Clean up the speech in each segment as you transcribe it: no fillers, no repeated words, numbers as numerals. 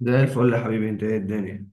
زي الفل يا حبيبي، انت ايه الدنيا؟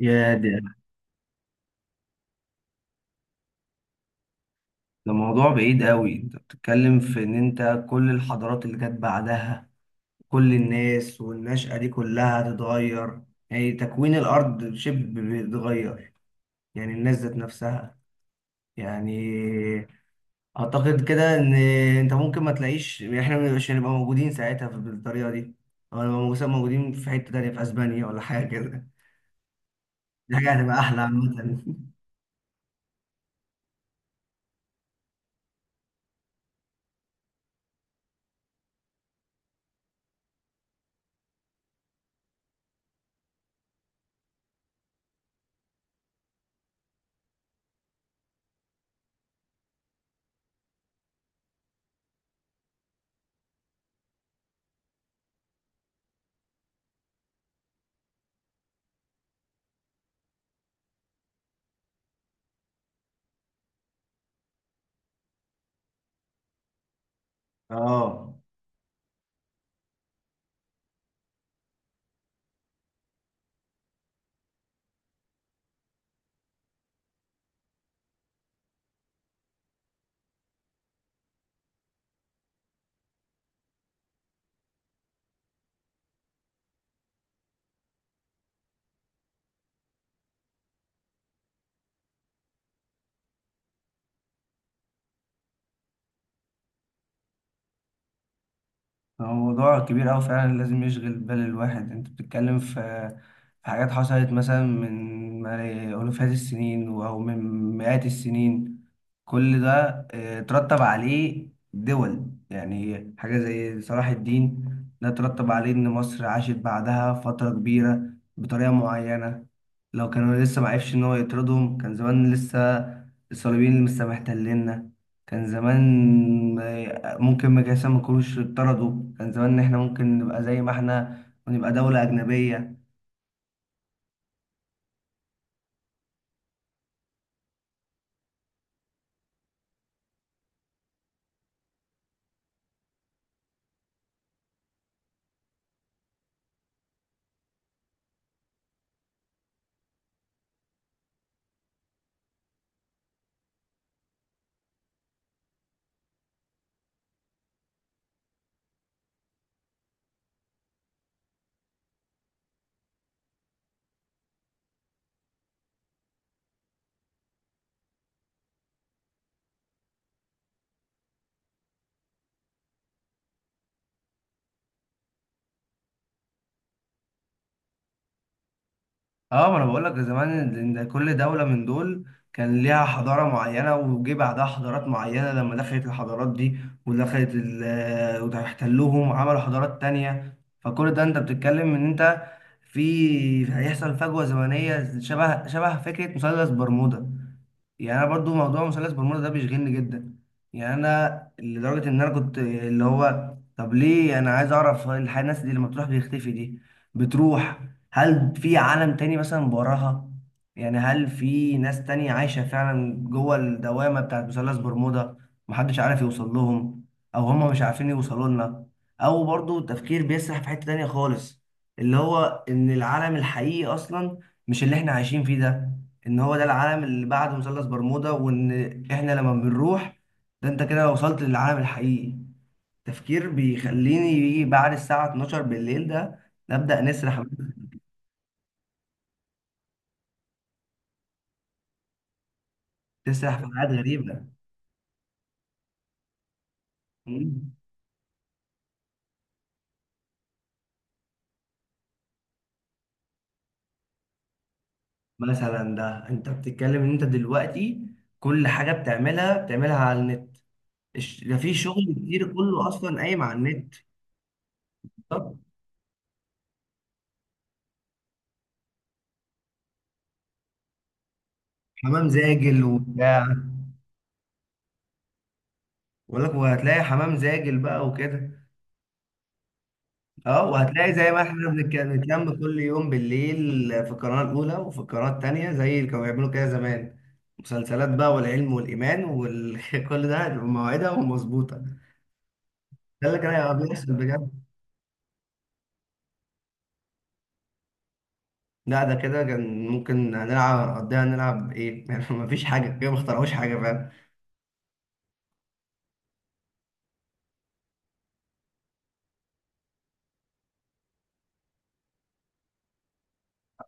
يا دي! ده موضوع بعيد قوي. انت بتتكلم في ان انت كل الحضارات اللي جت بعدها، كل الناس والنشأة دي كلها هتتغير. يعني تكوين الارض شبه بيتغير. يعني الناس ذات نفسها، يعني اعتقد كده ان انت ممكن ما تلاقيش، يعني احنا مش هنبقى موجودين ساعتها بالطريقة دي، او نبقى موجودين في حتة تانية في اسبانيا ولا حاجة كده. دي حاجة هتبقى احلى عامة. اه. هو موضوع كبير أوي فعلا، لازم يشغل بال الواحد. انت بتتكلم في حاجات حصلت مثلا من ألوفات السنين، أو من مئات السنين. كل ده ترتب عليه دول، يعني حاجة زي صلاح الدين. ده ترتب عليه إن مصر عاشت بعدها فترة كبيرة بطريقة معينة. لو كانوا لسه معرفش إن هو يطردهم، كان زمان لسه الصليبيين لسه محتليننا. كان زمان ممكن ما كانوش اتطردوا، كان زمان إن احنا ممكن نبقى زي ما احنا ونبقى دولة أجنبية. اه، ما انا بقول لك زمان إن كل دولة من دول كان ليها حضارة معينة، وجه بعدها حضارات معينة. لما دخلت الحضارات دي ودخلت واحتلوهم وعملوا حضارات تانية، فكل ده انت بتتكلم ان انت في هيحصل فجوة زمنية شبه فكرة مثلث برمودا. يعني انا برضو موضوع مثلث برمودا ده بيشغلني جدا. يعني انا لدرجه ان انا كنت اللي هو، طب ليه انا عايز اعرف الناس دي لما تروح بيختفي دي، بتروح. هل في عالم تاني مثلا وراها؟ يعني هل في ناس تانية عايشه فعلا جوه الدوامه بتاعت مثلث برمودا؟ محدش عارف يوصل لهم، او هم مش عارفين يوصلوا لنا. او برضو تفكير بيسرح في حته تانية خالص، اللي هو ان العالم الحقيقي اصلا مش اللي احنا عايشين فيه ده، ان هو ده العالم اللي بعد مثلث برمودا، وان احنا لما بنروح، ده انت كده وصلت للعالم الحقيقي. تفكير بيخليني يجي بعد الساعة 12 بالليل، ده نبدأ نسرح، نسرح في حاجات غريبة. مم. مثلا، ده انت بتتكلم ان انت دلوقتي كل حاجة بتعملها على النت. ده في شغل كتير كله اصلا قايم على النت. طب. حمام زاجل وبتاع؟ بقول لك، وهتلاقي حمام زاجل بقى وكده. اه، وهتلاقي زي ما احنا بنتلم كل يوم بالليل في القناة الأولى وفي القناة التانية، زي اللي كانوا بيعملوا كده زمان. مسلسلات بقى والعلم والإيمان وكل ده بمواعيدها ومظبوطة. ده اللي كان بيحصل بجد. لا، ده كده كان ممكن هنلعب نقضيها، نلعب ايه يعني مفيش حاجة كده، ما اخترعوش حاجة، فاهم.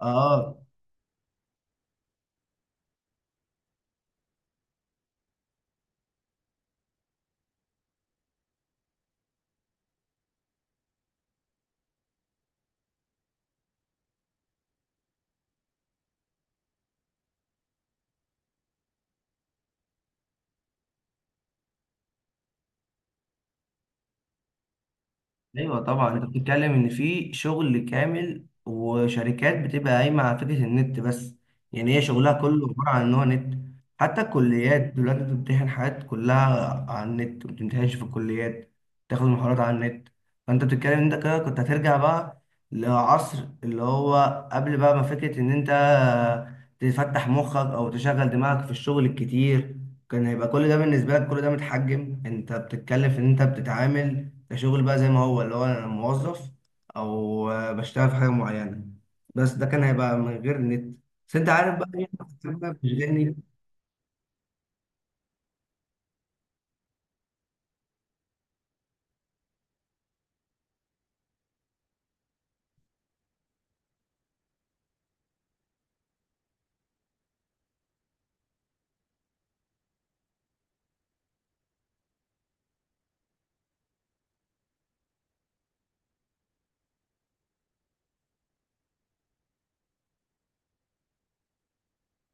اه. ايوه طبعا، انت بتتكلم ان في شغل كامل وشركات بتبقى قايمه على فكره النت بس. يعني هي شغلها كله عباره عن ان هو نت. حتى الكليات دلوقتي بتمتحن حاجات كلها على النت، ما بتمتحنش في الكليات. تاخد محاضرات على النت. فانت بتتكلم انت كده كنت هترجع بقى لعصر اللي هو قبل بقى ما فكره ان انت تفتح مخك او تشغل دماغك في الشغل الكتير. كان هيبقى كل ده بالنسبه لك، كل ده متحجم. انت بتتكلم في ان انت بتتعامل كشغل بقى زي ما هو، اللي هو انا موظف، او بشتغل في حاجه معينه، بس ده كان هيبقى من غير نت. بس انت عارف بقى ايه. أنا بتشغلني.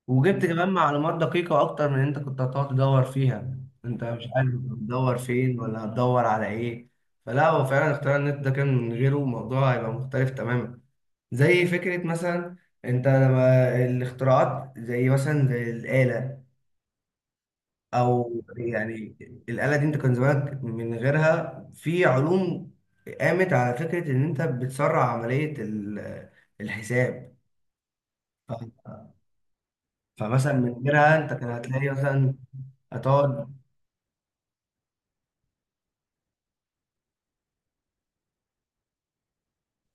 وجبت كمان معلومات دقيقه اكتر من اللي انت كنت هتقعد تدور فيها. انت مش عارف هتدور فين ولا هتدور على ايه. فلا، هو فعلا اختيار النت ده كان من غيره الموضوع هيبقى مختلف تماما. زي فكره مثلا، انت لما الاختراعات زي مثلا زي الاله، او يعني الاله دي، انت كان زمانك من غيرها في علوم قامت على فكره ان انت بتسرع عمليه الحساب. ف- فمثلا من غيرها انت كان هتلاقي مثلا، هتقعد،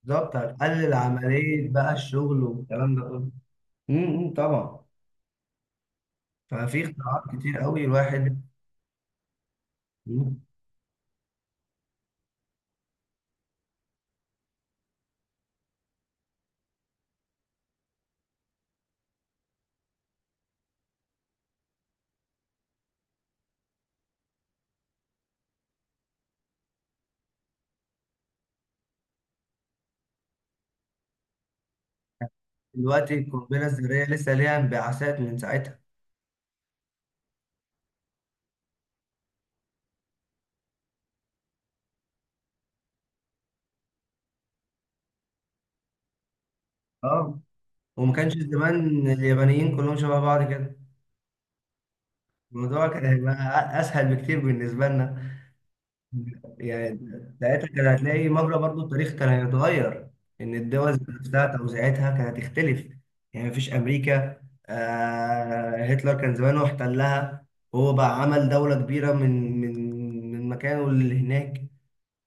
بالظبط هتقلل عمليه بقى الشغل والكلام ده كله. طبعا. ففي اختراعات كتير قوي الواحد. مم. دلوقتي القنبله الذريه لسه ليها انبعاثات من ساعتها. اه. وما كانش زمان اليابانيين كلهم شبه بعض كده، الموضوع كان هيبقى اسهل بكتير بالنسبه لنا. يعني ساعتها كان هتلاقي مجرى برضو التاريخ كان هيتغير، ان الدول ذات نفسها توزيعتها كانت هتختلف. يعني مفيش امريكا، هتلر كان زمانه احتلها، هو بقى عمل دوله كبيره من مكانه اللي هناك.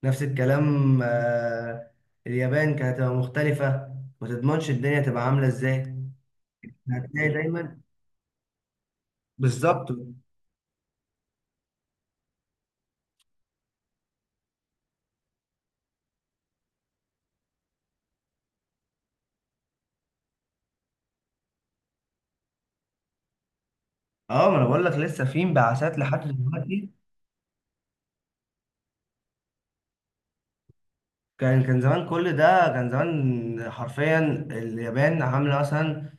نفس الكلام اليابان كانت هتبقى مختلفه، ما تضمنش الدنيا تبقى عامله ازاي. هتلاقي دايما بالظبط. اه، ما انا بقول لك لسه في انبعاثات لحد دلوقتي. كان زمان، كل ده كان زمان حرفيا اليابان عامله مثلا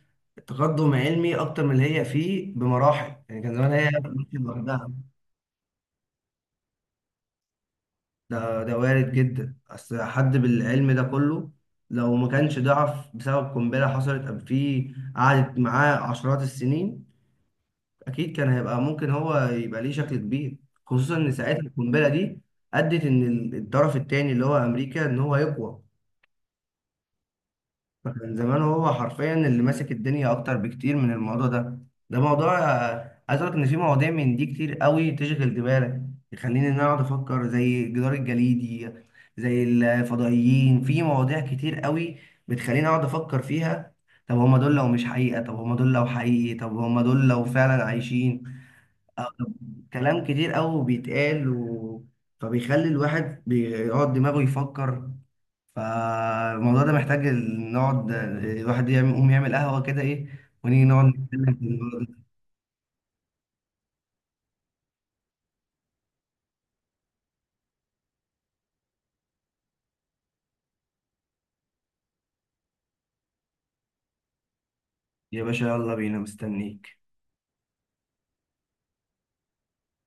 تقدم علمي اكتر من اللي هي فيه بمراحل. يعني كان زمان هي ممكن لوحدها. ده وارد جدا، اصل حد بالعلم ده كله لو ما كانش ضعف بسبب قنبله حصلت قبل فيه قعدت معاه عشرات السنين، اكيد كان هيبقى ممكن هو يبقى ليه شكل كبير. خصوصا ان ساعتها القنبله دي ادت ان الطرف التاني اللي هو امريكا، ان هو يقوى. من زمان هو حرفيا اللي ماسك الدنيا اكتر بكتير من الموضوع ده. ده موضوع عايز اقول لك ان في مواضيع من دي كتير قوي تشغل دماغك، تخليني ان انا اقعد افكر زي الجدار الجليدي، زي الفضائيين، في مواضيع كتير قوي بتخليني اقعد افكر فيها. طب هما دول لو مش حقيقة، طب هما دول لو حقيقي، طب هما دول لو فعلا عايشين؟ طب، كلام كتير قوي بيتقال فبيخلي الواحد بيقعد دماغه يفكر. فالموضوع ده محتاج نقعد الواحد يقوم يعمل قهوة كده ايه، ونيجي نقعد نتكلم في الموضوع ده. يا باشا يلا بينا مستنيك.